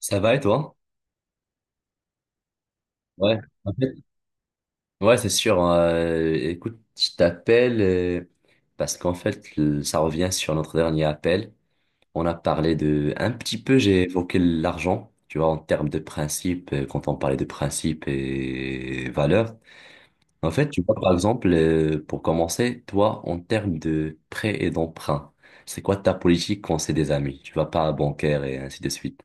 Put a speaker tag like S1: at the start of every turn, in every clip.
S1: Ça va et toi? Ouais, en fait, ouais, c'est sûr. Hein, écoute, je t'appelle parce qu'en fait, ça revient sur notre dernier appel. On a parlé de un petit peu, j'ai évoqué l'argent, tu vois, en termes de principe, quand on parlait de principe et valeurs. En fait, tu vois, par exemple, pour commencer, toi, en termes de prêt et d'emprunt, c'est quoi ta politique quand c'est des amis? Tu vas pas à bancaire et ainsi de suite.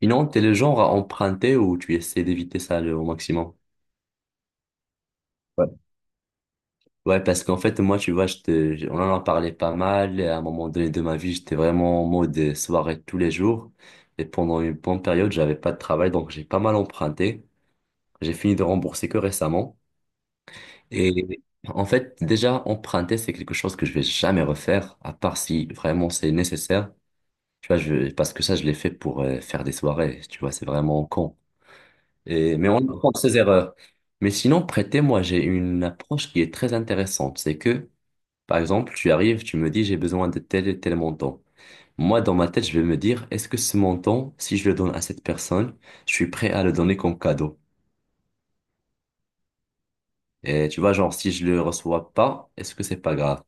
S1: Sinon, t'es le genre à emprunter ou tu essaies d'éviter ça au maximum? Ouais, parce qu'en fait, moi, tu vois, on en a parlé pas mal. Et à un moment donné de ma vie, j'étais vraiment en mode soirée tous les jours. Et pendant une bonne période, j'avais pas de travail, donc j'ai pas mal emprunté. J'ai fini de rembourser que récemment. Et en fait, déjà, emprunter, c'est quelque chose que je vais jamais refaire, à part si vraiment c'est nécessaire. Tu vois, parce que ça, je l'ai fait pour faire des soirées. Tu vois, c'est vraiment con. Et, mais on apprend de ses erreurs. Mais sinon, prêter, moi, j'ai une approche qui est très intéressante. C'est que par exemple, tu arrives, tu me dis j'ai besoin de tel et tel montant. Moi, dans ma tête, je vais me dire, est-ce que ce montant, si je le donne à cette personne, je suis prêt à le donner comme cadeau? Et tu vois, genre, si je le reçois pas, est-ce que c'est pas grave?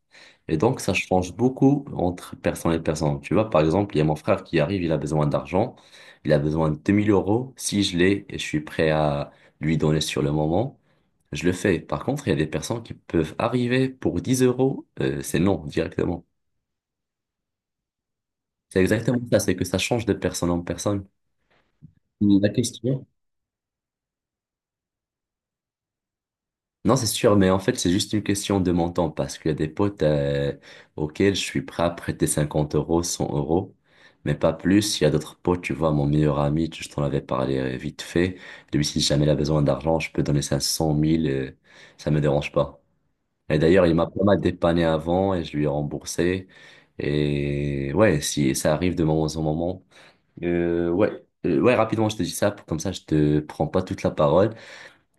S1: Et donc, ça change beaucoup entre personne et personne. Tu vois, par exemple, il y a mon frère qui arrive, il a besoin d'argent, il a besoin de 2000 euros. Si je l'ai et je suis prêt à lui donner sur le moment, je le fais. Par contre, il y a des personnes qui peuvent arriver pour 10 euros, c'est non, directement. C'est exactement ça, c'est que ça change de personne en personne. La question. Non, c'est sûr, mais en fait, c'est juste une question de montant parce qu'il y a des potes auxquels je suis prêt à prêter 50 euros, 100 euros, mais pas plus. Il y a d'autres potes, tu vois, mon meilleur ami, je t'en avais parlé vite fait. Lui, si jamais il a besoin d'argent, je peux donner 500 000, ça me dérange pas. Et d'ailleurs, il m'a pas mal dépanné avant et je lui ai remboursé. Et ouais, si ça arrive de moment en moment. Ouais, ouais, rapidement, je te dis ça, comme ça, je te prends pas toute la parole.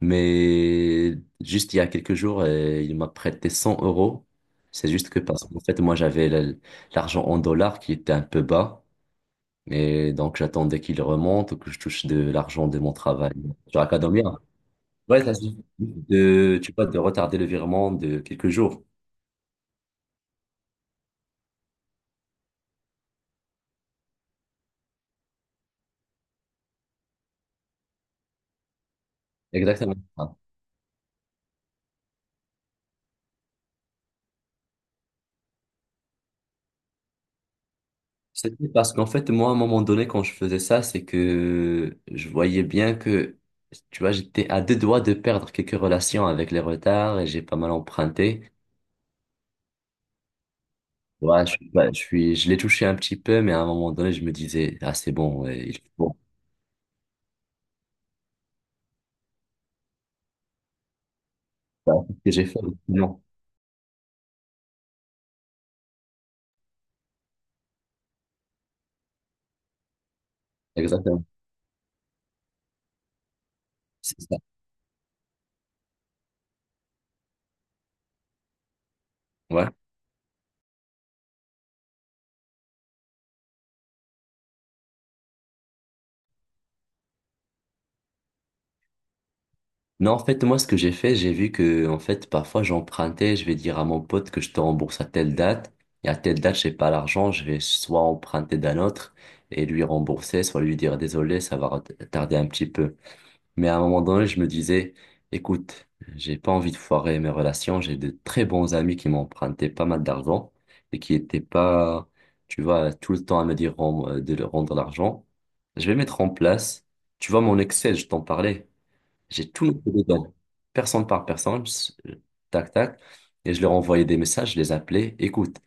S1: Mais juste il y a quelques jours, il m'a prêté 100 euros. C'est juste que parce qu'en fait, moi, j'avais l'argent en dollars qui était un peu bas. Et donc, j'attendais qu'il remonte ou que je touche de l'argent de mon travail. Genre académien. Ouais, ça suffit de, tu vois, de retarder le virement de quelques jours. Exactement. C'était parce qu'en fait, moi, à un moment donné, quand je faisais ça, c'est que je voyais bien que, tu vois, j'étais à deux doigts de perdre quelques relations avec les retards et j'ai pas mal emprunté. Ouais, je suis, pas- je suis, je l'ai touché un petit peu, mais à un moment donné, je me disais, ah, c'est bon, ouais, il faut. Bon, c'est ce que j'ai fait. Non, exactement. C'est ça. Ouais. Non, en fait, moi, ce que j'ai fait, j'ai vu que, en fait, parfois, j'empruntais, je vais dire à mon pote que je te rembourse à telle date, et à telle date, j'ai pas l'argent, je vais soit emprunter d'un autre et lui rembourser, soit lui dire désolé, ça va tarder un petit peu. Mais à un moment donné, je me disais, écoute, j'ai pas envie de foirer mes relations, j'ai de très bons amis qui m'empruntaient pas mal d'argent et qui étaient pas, tu vois, tout le temps à me dire de leur rendre l'argent. Je vais mettre en place, tu vois, mon Excel, je t'en parlais. J'ai tout noté dedans, personne par personne, tac, tac. Et je leur envoyais des messages, je les appelais, écoute,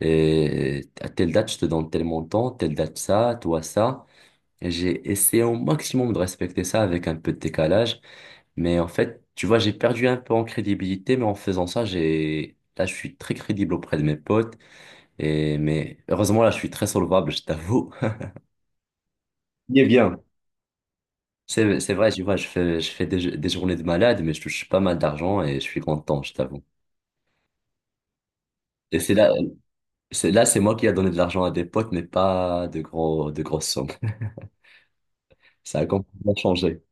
S1: et à telle date, je te donne tel montant, telle date ça, toi ça. Et j'ai essayé au maximum de respecter ça avec un peu de décalage. Mais en fait, tu vois, j'ai perdu un peu en crédibilité, mais en faisant ça, j'ai. Là, je suis très crédible auprès de mes potes. Et. Mais heureusement, là, je suis très solvable, je t'avoue. Il est bien. C'est vrai, tu vois, je fais des journées de malade, mais je touche pas mal d'argent et je suis content, je t'avoue. Et c'est là, c'est moi qui a donné de l'argent à des potes, mais pas de de grosses sommes. Ça a complètement changé.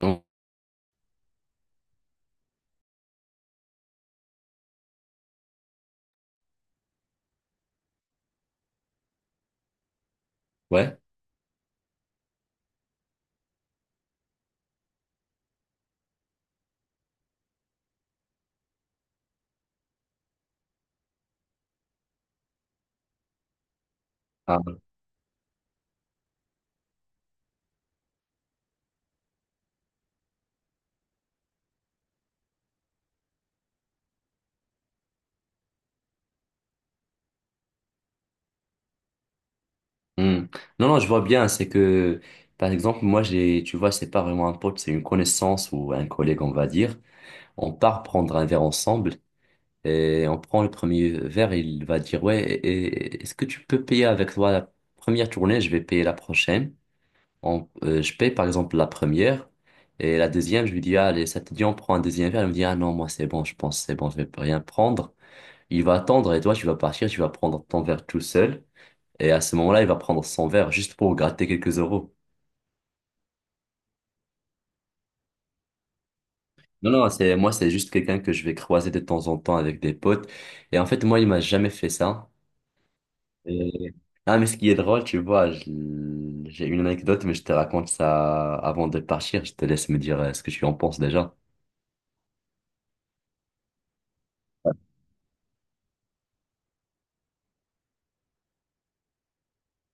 S1: Mm. Ouais. Ah. Mm. Non, non, je vois bien, c'est que, par exemple, moi, tu vois, c'est pas vraiment un pote, c'est une connaissance ou un collègue, on va dire. On part prendre un verre ensemble et on prend le premier verre, il va dire, ouais, est-ce que tu peux payer avec toi la première tournée? Je vais payer la prochaine. Je paye par exemple la première et la deuxième, je lui dis, ah, allez, ça te dit, on prend un deuxième verre. Il me dit, ah non, moi c'est bon, je pense, c'est bon, je vais rien prendre. Il va attendre et toi, tu vas partir, tu vas prendre ton verre tout seul. Et à ce moment-là, il va prendre son verre juste pour gratter quelques euros. Non, non, moi, c'est juste quelqu'un que je vais croiser de temps en temps avec des potes. Et en fait, moi, il m'a jamais fait ça. Et- Ah, mais ce qui est drôle, tu vois, j'ai une anecdote, mais je te raconte ça avant de partir. Je te laisse me dire ce que tu en penses déjà.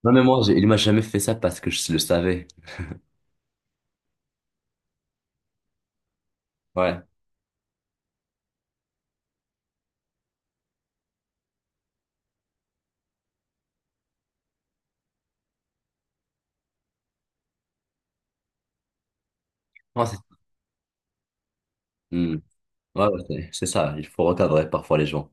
S1: Non, mais moi, il m'a jamais fait ça parce que je le savais. Ouais. Non, c'est Hmm. Ouais, ouais, c'est ça. Il faut recadrer parfois les gens.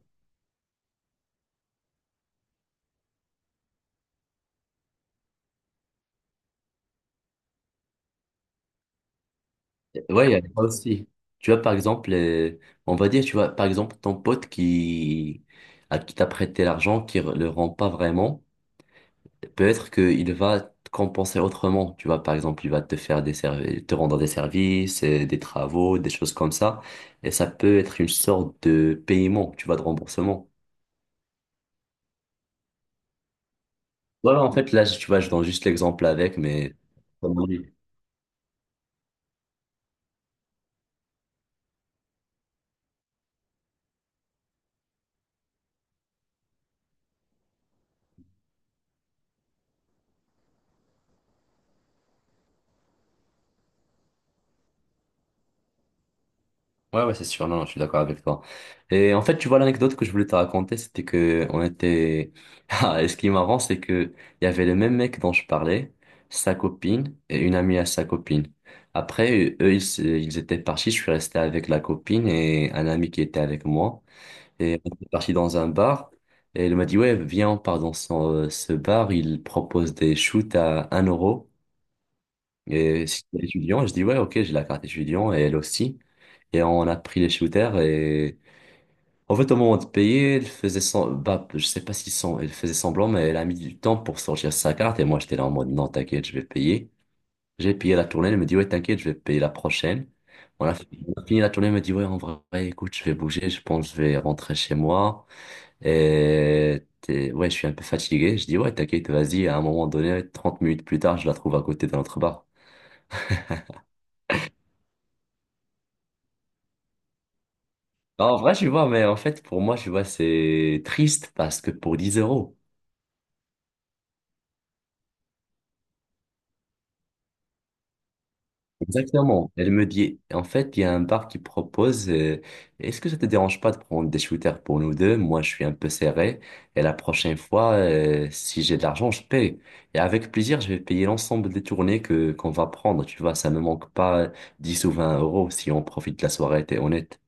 S1: Et ouais, il y a ça aussi. Tu vois, par exemple, on va dire, tu vois, par exemple, ton pote qui, à qui t'a prêté l'argent, qui le rend pas vraiment, peut-être qu'il va te compenser autrement. Tu vois, par exemple, il va te faire des services, te rendre des services, des travaux, des choses comme ça. Et ça peut être une sorte de paiement, tu vois, de remboursement. Ouais, ouais, en fait, là, tu vois, je donne juste l'exemple avec, mais. Oui. Ouais, ouais, c'est sûr, non, je suis d'accord avec toi. Et en fait, tu vois, l'anecdote que je voulais te raconter, c'était que on était. Ah, et ce qui est marrant, c'est que il y avait le même mec dont je parlais, sa copine, et une amie à sa copine. Après, eux, ils étaient partis, je suis resté avec la copine et un ami qui était avec moi. Et on est parti dans un bar, et il m'a dit, ouais, viens, on part dans ce bar, il propose des shoots à 1 euro. Et c'était étudiant, je dis ouais, ok, j'ai la carte étudiant et elle aussi. Et on a pris les shooters et en fait, au moment de payer, elle faisait semblant, bah, je sais pas si elle faisait semblant, mais elle a mis du temps pour sortir sa carte et moi j'étais là en mode non, t'inquiète, je vais payer. J'ai payé la tournée, elle me dit ouais, t'inquiète, je vais payer la prochaine. On a fini la tournée, elle me dit ouais, en vrai, écoute, je vais bouger, je pense que je vais rentrer chez moi. Et ouais, je suis un peu fatigué. Je dis ouais, t'inquiète, vas-y, à un moment donné, 30 minutes plus tard, je la trouve à côté de notre bar. Bah, en vrai, tu vois, mais en fait, pour moi, tu vois, c'est triste parce que pour 10 euros, exactement, elle me dit, en fait, il y a un bar qui propose, est-ce que ça te dérange pas de prendre des shooters pour nous deux? Moi, je suis un peu serré et la prochaine fois, si j'ai de l'argent, je paye. Et avec plaisir, je vais payer l'ensemble des tournées que qu'on va prendre, tu vois, ça ne manque pas 10 ou 20 euros si on profite de la soirée, t'es honnête.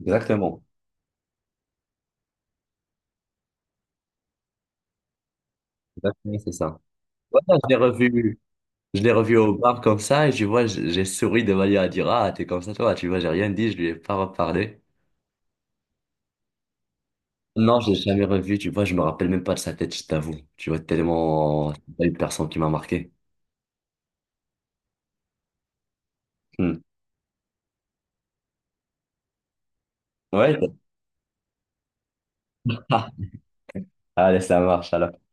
S1: Exactement, exactement, c'est ça. Voilà, je l'ai revu. Je l'ai revu au bar comme ça et tu vois, j'ai souri de manière à dire, ah, t'es comme ça, toi. Tu vois, j'ai rien dit, je lui ai pas reparlé. Non, je l'ai jamais revu, tu vois, je me rappelle même pas de sa tête, je t'avoue. Tu vois, tellement, c'est pas une personne qui m'a marqué. Hmm. Ouais, allez, ça marche, alors.